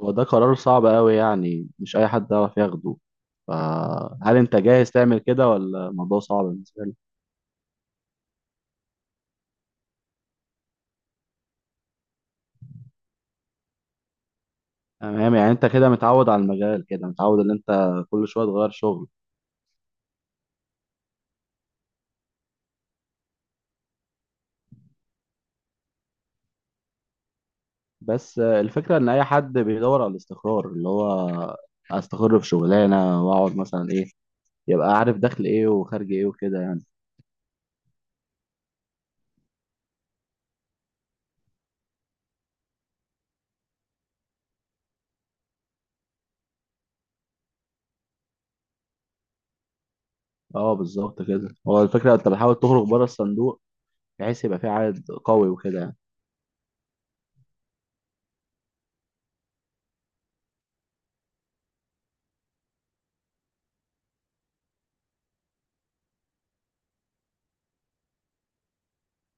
هو ده قرار صعب قوي، يعني مش اي حد يعرف ياخده. فهل انت جاهز تعمل كده ولا الموضوع صعب بالنسبه لك؟ تمام، يعني انت كده متعود على المجال، كده متعود ان انت كل شويه تغير شغل. بس الفكره ان اي حد بيدور على الاستقرار، اللي هو استقر في شغلانه واقعد مثلا ايه، يبقى عارف دخل ايه وخارج ايه وكده يعني. اه بالظبط كده، هو الفكره انت بتحاول تخرج بره الصندوق، بحيث يبقى في عائد قوي وكده يعني.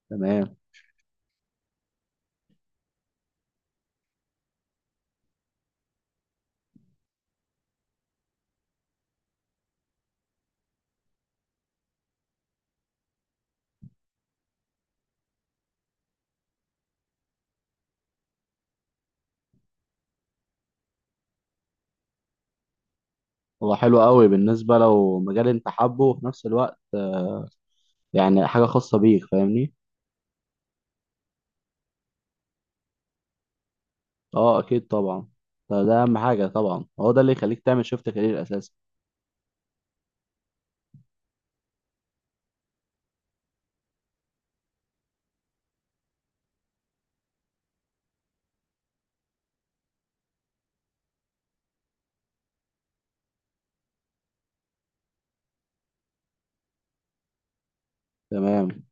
تمام، هو حلو قوي بالنسبه لو مجال انت حابه، وفي نفس الوقت يعني حاجة خاصة بيك، فاهمني. اه اكيد طبعا. فده اهم حاجة طبعا، هو ده اللي يخليك تعمل شيفت كارير اساسا. تمام،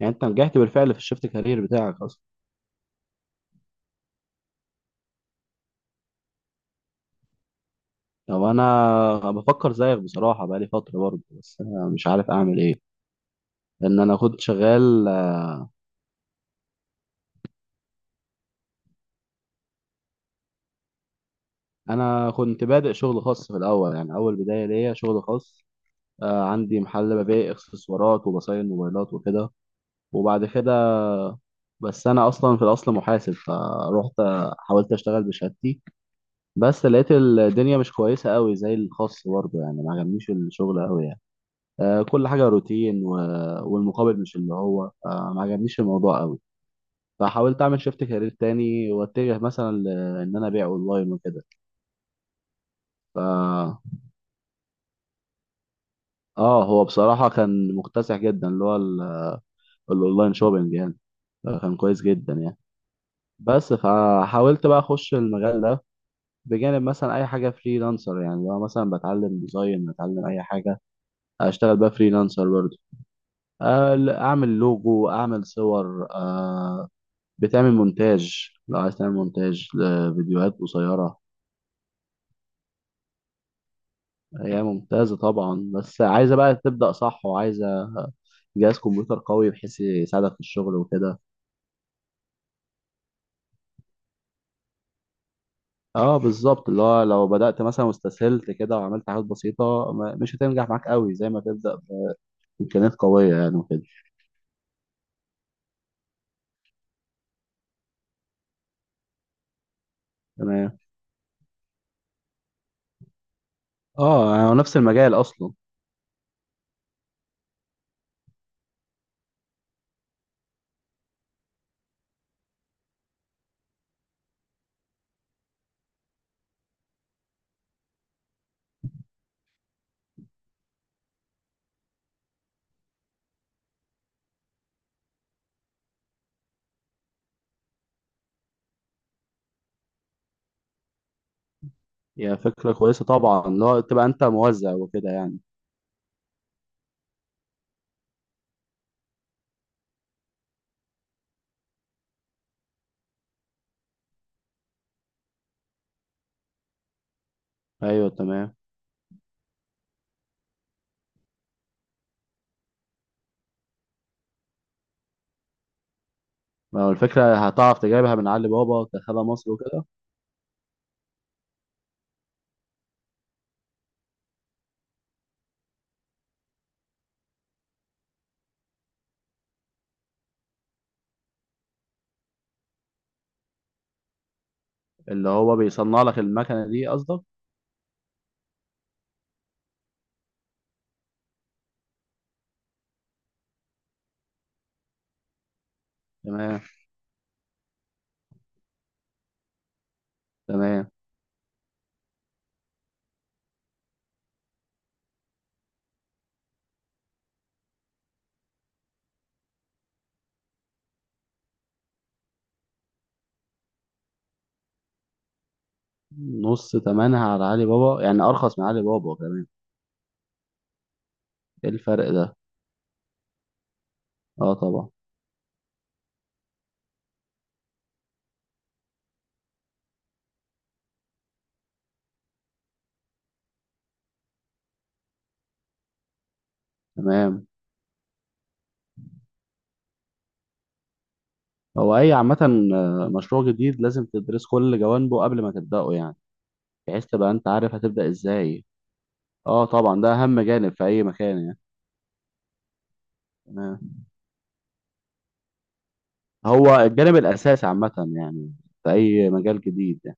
يعني انت نجحت بالفعل في الشيفت كارير بتاعك اصلا. طب انا بفكر زيك بصراحة، بقالي فترة برضه، بس انا مش عارف اعمل ايه، لان انا كنت شغال. انا كنت بادئ شغل خاص في الاول، يعني اول بداية ليا شغل خاص. عندي محل ببيع اكسسوارات وبصاين موبايلات وكده. وبعد كده، بس انا اصلا في الاصل محاسب، فروحت حاولت اشتغل بشهادتي، بس لقيت الدنيا مش كويسة قوي زي الخاص برضه، يعني ما عجبنيش الشغل قوي يعني. آه، كل حاجة روتين و... والمقابل مش اللي هو، ما عجبنيش الموضوع قوي. فحاولت اعمل شيفت كارير تاني، واتجه مثلا ل- ان انا ابيع اونلاين وكده. ف اه، هو بصراحة كان مكتسح جدا، اللي هو ال- الاونلاين شوبينج يعني. كان كويس جدا يعني. بس فحاولت بقى اخش المجال ده، بجانب مثلا اي حاجه فريلانسر، يعني لو مثلا بتعلم ديزاين، بتعلم اي حاجه، اشتغل بقى فريلانسر. اعمل لوجو، اعمل صور، بتعمل مونتاج، لو عايز تعمل مونتاج لفيديوهات قصيرة. هي ممتازة طبعا، بس عايزة بقى تبدأ صح، وعايزة جهاز كمبيوتر قوي بحيث يساعدك في الشغل وكده. اه بالظبط، اللي هو لو بدأت مثلا واستسهلت كده وعملت حاجات بسيطة، ما- مش هتنجح معاك قوي زي ما تبدأ بإمكانيات قوية يعني وكده. تمام. اه يعني هو نفس المجال أصلا. هي فكرة كويسة طبعا، اللي هو تبقى أنت موزع وكده يعني. أيوه تمام. ما هو الفكرة هتعرف تجيبها من علي بابا كخالة مصر وكده. اللي هو بيصنع لك المكنة دي قصدك. تمام. تمام. نص تمنها على علي بابا؟ يعني أرخص من علي بابا كمان. إيه الفرق ده؟ أه طبعا. تمام. هو أي عامة، مشروع جديد لازم تدرس كل جوانبه قبل ما تبدأه يعني، بحيث تبقى أنت عارف هتبدأ إزاي. أه طبعا، ده أهم جانب في أي مكان يعني. تمام. هو الجانب الأساسي عامة يعني، في أي مجال جديد يعني.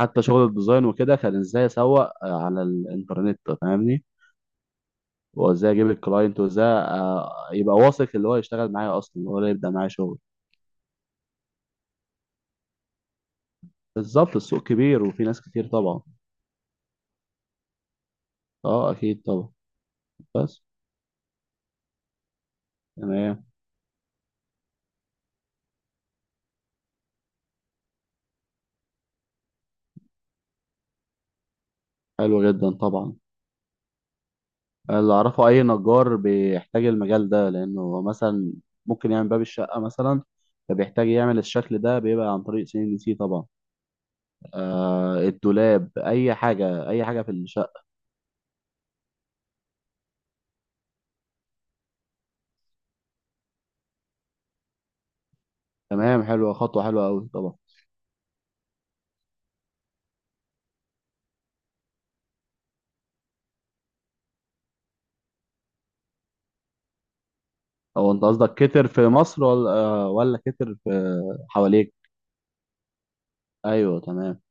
حتى شغل الديزاين وكده، كان ازاي اسوق على الانترنت، فاهمني. وازاي اجيب الكلاينت، وازاي يبقى واثق اللي هو يشتغل معايا اصلا، هو اللي يبدا معايا شغل. بالظبط، السوق كبير وفي ناس كتير طبعا. اه اكيد طبعا. بس. تمام. حلو جدا طبعا. اللي اعرفه اي نجار بيحتاج المجال ده، لانه مثلا ممكن يعمل باب الشقه مثلا، فبيحتاج يعمل الشكل ده، بيبقى عن طريق سي ان سي طبعا. آه، الدولاب، اي حاجه، اي حاجه في الشقه. تمام، حلوه، خطوه حلوه قوي طبعا. هو انت قصدك كتر في مصر، ولا ولا كتر في حواليك؟ ايوه تمام.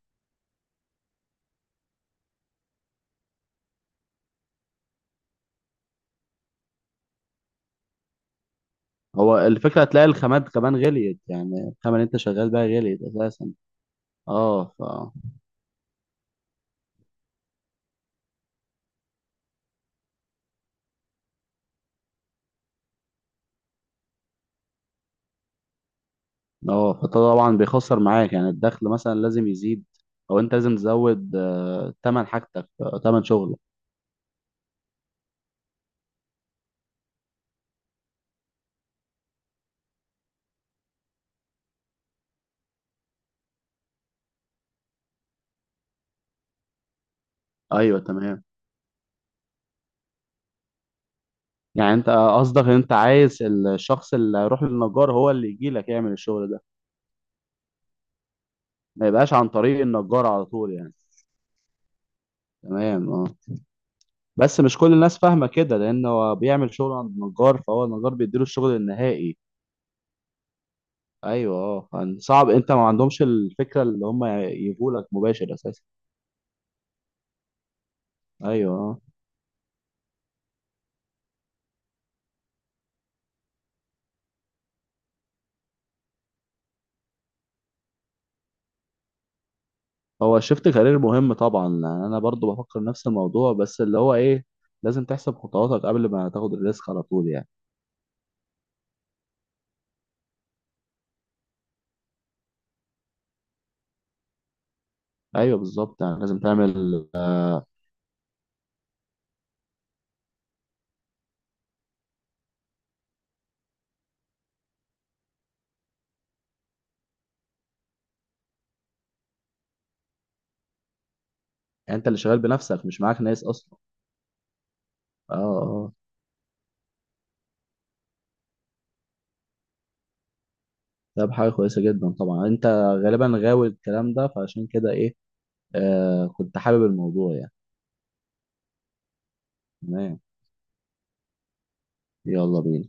هو الفكره هتلاقي الخامات كمان غليت، يعني الخامه اللي انت شغال بيها غليت اساسا. اه ف اه، فطبعا بيخسر معاك، يعني الدخل مثلا لازم يزيد، او انت لازم تزود تمن حاجتك، تمن شغلك. ايوه تمام. يعني انت قصدك ان انت عايز الشخص اللي هيروح للنجار هو اللي يجي لك يعمل الشغل ده، ما يبقاش عن طريق النجار على طول يعني. تمام اه. بس مش كل الناس فاهمة كده، لأن هو بيعمل شغل عند النجار، فهو النجار بيديله الشغل النهائي. أيوه أه، يعني صعب أنت ما عندهمش الفكرة اللي هم يجولك مباشر أساسا. أيوه أه. هو شفت كارير مهم طبعا، يعني أنا برضو بفكر نفس الموضوع، بس اللي هو إيه، لازم تحسب خطواتك قبل ما تاخد الريسك على طول يعني. أيوه بالظبط، يعني لازم تعمل. يعني أنت اللي شغال بنفسك، مش معاك ناس أصلا؟ أه أه، ده حاجة كويسة جدا طبعا. أنت غالبا غاوي الكلام ده، فعشان كده إيه، كنت حابب الموضوع يعني. تمام، يلا بينا.